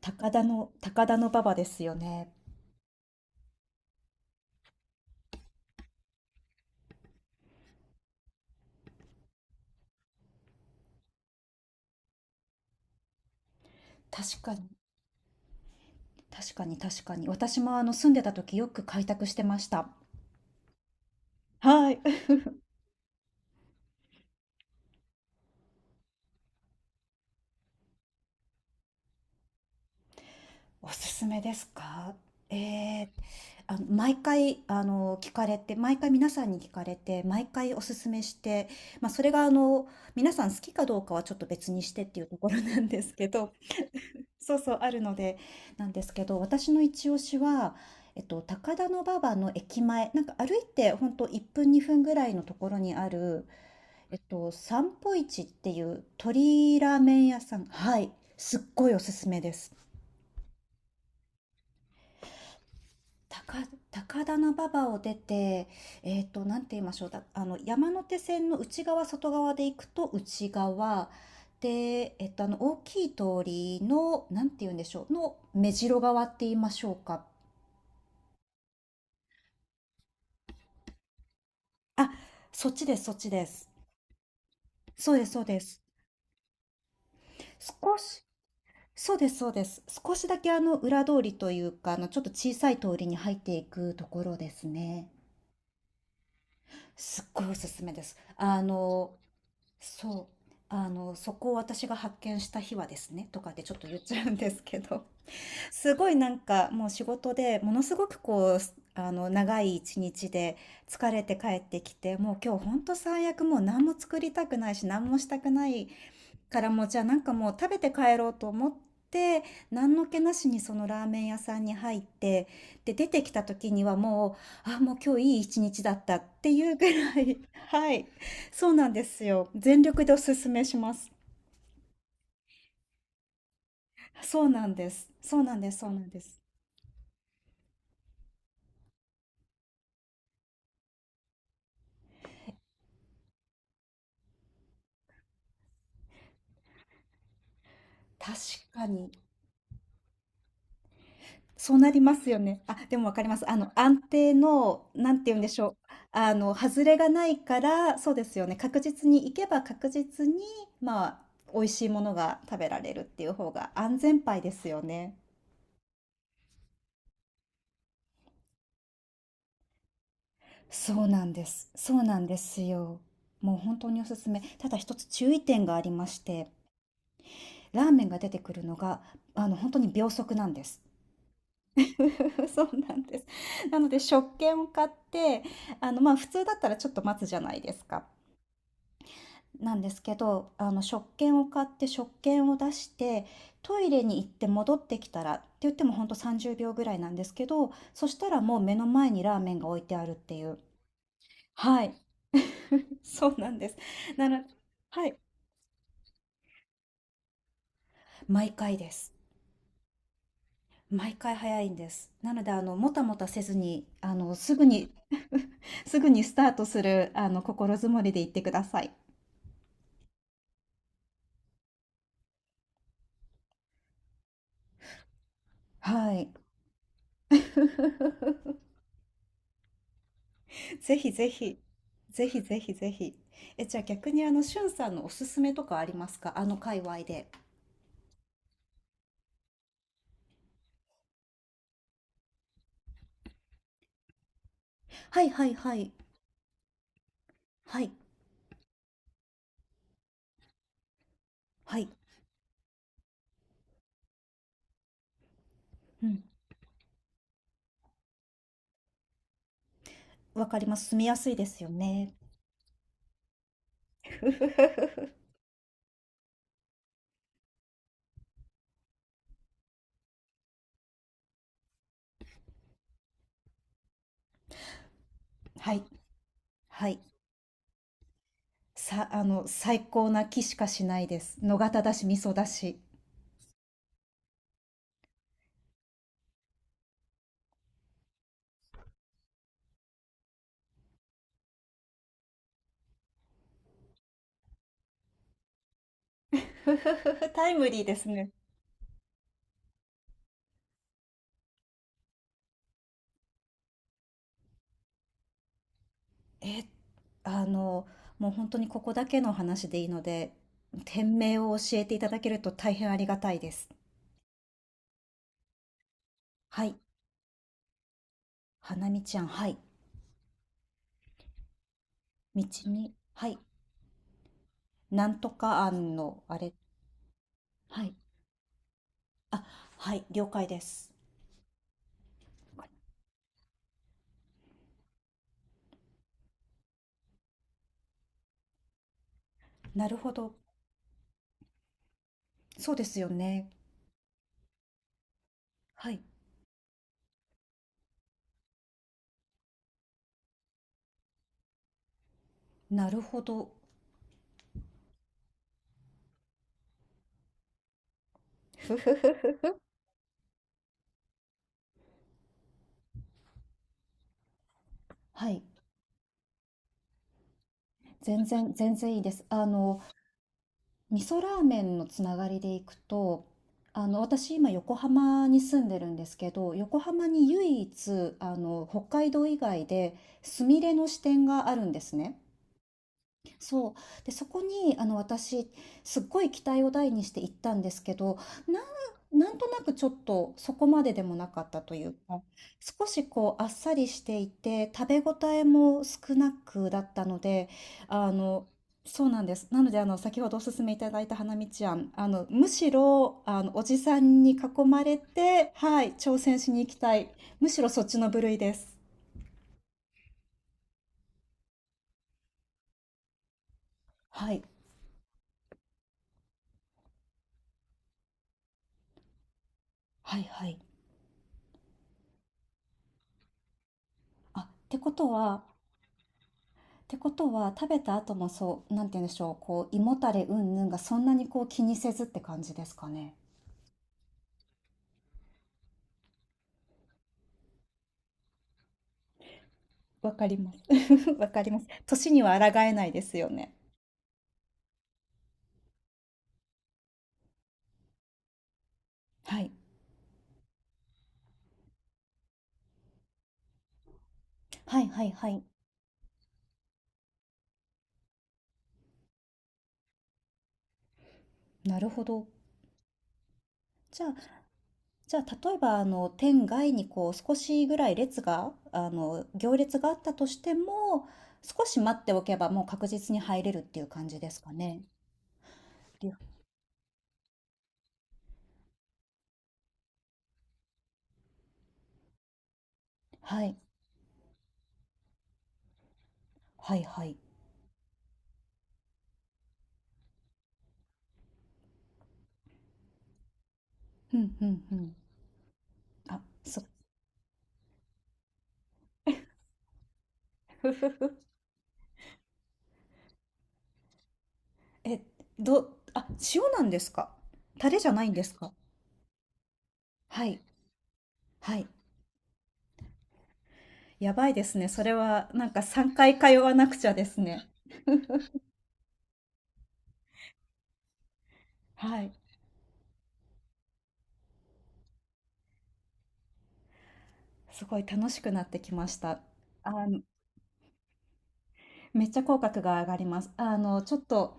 高田の、高田の馬場ですよね。確かに、確かに。私も住んでた時よく開拓してました。はい。おすすめですか？えー、毎回、聞かれて、毎回皆さんに聞かれて、毎回おすすめして、まあ、それが、あの、皆さん好きかどうかはちょっと別にしてっていうところなんですけど、そうそう、あるので、なんですけど、私の一押しは、高田馬場の駅前、なんか歩いてほんと1分2分ぐらいのところにある、散歩市っていう鳥ラーメン屋さん。はい。すっごいおすすめです。高、高田馬場を出て、えっと、なんて言いましょう。だ、あの、山手線の内側、外側で行くと内側。で、大きい通りの、なんて言うんでしょう。の目白側って言いましょうか。あ、そっちですそっちです。そうですそうです。少し、そうですそうです。少しだけ裏通りというか、ちょっと小さい通りに入っていくところですね。すっごいおすすめです。あの、そう。あの、そこを私が発見した日はですね、とかでちょっと言っちゃうんですけど、すごいもう仕事でものすごくこう、あの、長い一日で疲れて帰ってきて、もう今日ほんと最悪もう何も作りたくないし、何もしたくないからもうじゃあもう食べて帰ろうと思って、何の気なしにそのラーメン屋さんに入って、で出てきた時にはもうあ、もう今日いい一日だったっていうぐらい。 はい、そうなんですよ。全力でおすすめします。そうなんですそうなんですそうなんです。確かに、そうなりますよね。あ、でもわかります。あの、安定の、なんて言うんでしょう、あの、外れがないから、そうですよね、確実に行けば確実に、まあ、美味しいものが食べられるっていう方が安全牌ですよね。そうなんです。そうなんですよ。もう本当におすすめ。ただ一つ注意点がありまして、ラーメンが出てくるのが、あの、本当に秒速なんです。そうなんです。なので食券を買って、あの、まあ普通だったらちょっと待つじゃないですか。なんですけど、あの食券を買って食券を出して、トイレに行って戻ってきたらって言ってもほんと30秒ぐらいなんですけど、そしたらもう目の前にラーメンが置いてあるっていう。はい、そうなんです。なのはい、毎回です。毎回早いんです。なので、あの、もたもたせずに、あの、すぐに すぐにスタートする、あの、心づもりで行ってください。はい。ぜひぜひ、ぜひぜひぜひ。え、じゃあ逆にあの、しゅんさんのおすすめとかありますか？あの界隈で。はいはいはい。はい。はい。うん。わかります。住みやすいですよね。はい。はい。さ、あの、最高な気しかしないです。野方だし、味噌だし。タイムリーですね。え、あの、もう本当にここだけの話でいいので、店名を教えていただけると大変ありがたいです。はい。花見ちゃん、はい。道に、はい、なんとか案の、あれ、はい。あ、はい、了解です。なるほど。そうですよね。はい、なるほど。ふふ、はい、全然、全然いいです。あの、味噌ラーメンのつながりでいくと、あの、私今横浜に住んでるんですけど、横浜に唯一、あの、北海道以外で、スミレの支店があるんですね。そう。で、そこに、あの、私、すっごい期待を大にして行ったんですけど、なん、なんとなくちょっとそこまででもなかったというか、少しこう、あっさりしていて、食べ応えも少なくだったので、あの、そうなんです。なので、あの、先ほどお勧めいただいた花道庵、あの、むしろ、あの、おじさんに囲まれて、はい、挑戦しに行きたい。むしろそっちの部類です。はい、はい、はい。あ、ってことは、ってことは食べた後もそう、なんて言うんでしょう、こう胃もたれうんぬんがそんなにこう気にせずって感じですかね。わかります。わかります。年には抗えないですよね。はい、はいはいはい。なるほど。じゃあ、じゃあ例えばあの店外にこう少しぐらい列があの行列があったとしても、少し待っておけばもう確実に入れるっていう感じですかね。りはい、はいはい。うんうんうん。あ、そう。 え、どあ、塩なんですか？タレじゃないんですか？はい、はい。やばいですね。それはなんか3回通わなくちゃですね。はい。すごい楽しくなってきました。あの、めっちゃ口角が上がります。あの、ちょっと、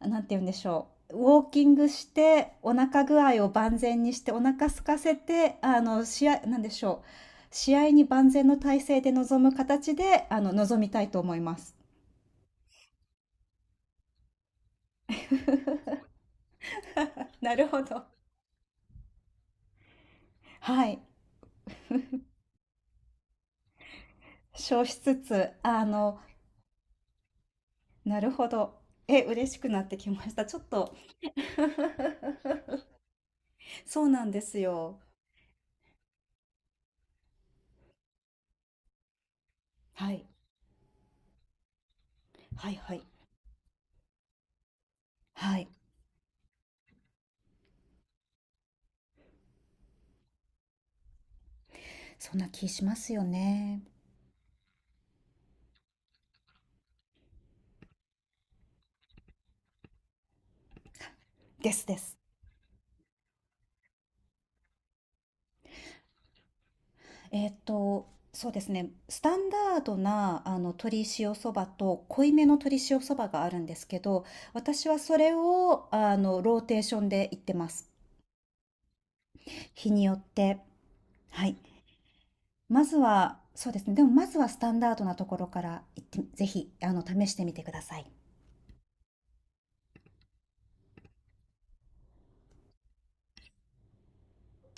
なんて言うんでしょう、ウォーキングして、お腹具合を万全にして、お腹空かせて、あの、試合なんでしょう、試合に万全の体制で臨む形で、あの、臨みたいと思います。なるほど。はい。消しつつ、あの、なるほど。え、嬉しくなってきました。ちょっと そうなんですよ。はい。はいはい。はい、そんな気しますよね。ですです。えっーと、そうですね。スタンダードな、あの、鶏塩そばと濃いめの鶏塩そばがあるんですけど、私はそれを、あの、ローテーションで行ってます。日によって。はい。まずは、そうですね。でもまずはスタンダードなところから行って、ぜひ、あの、試してみてください。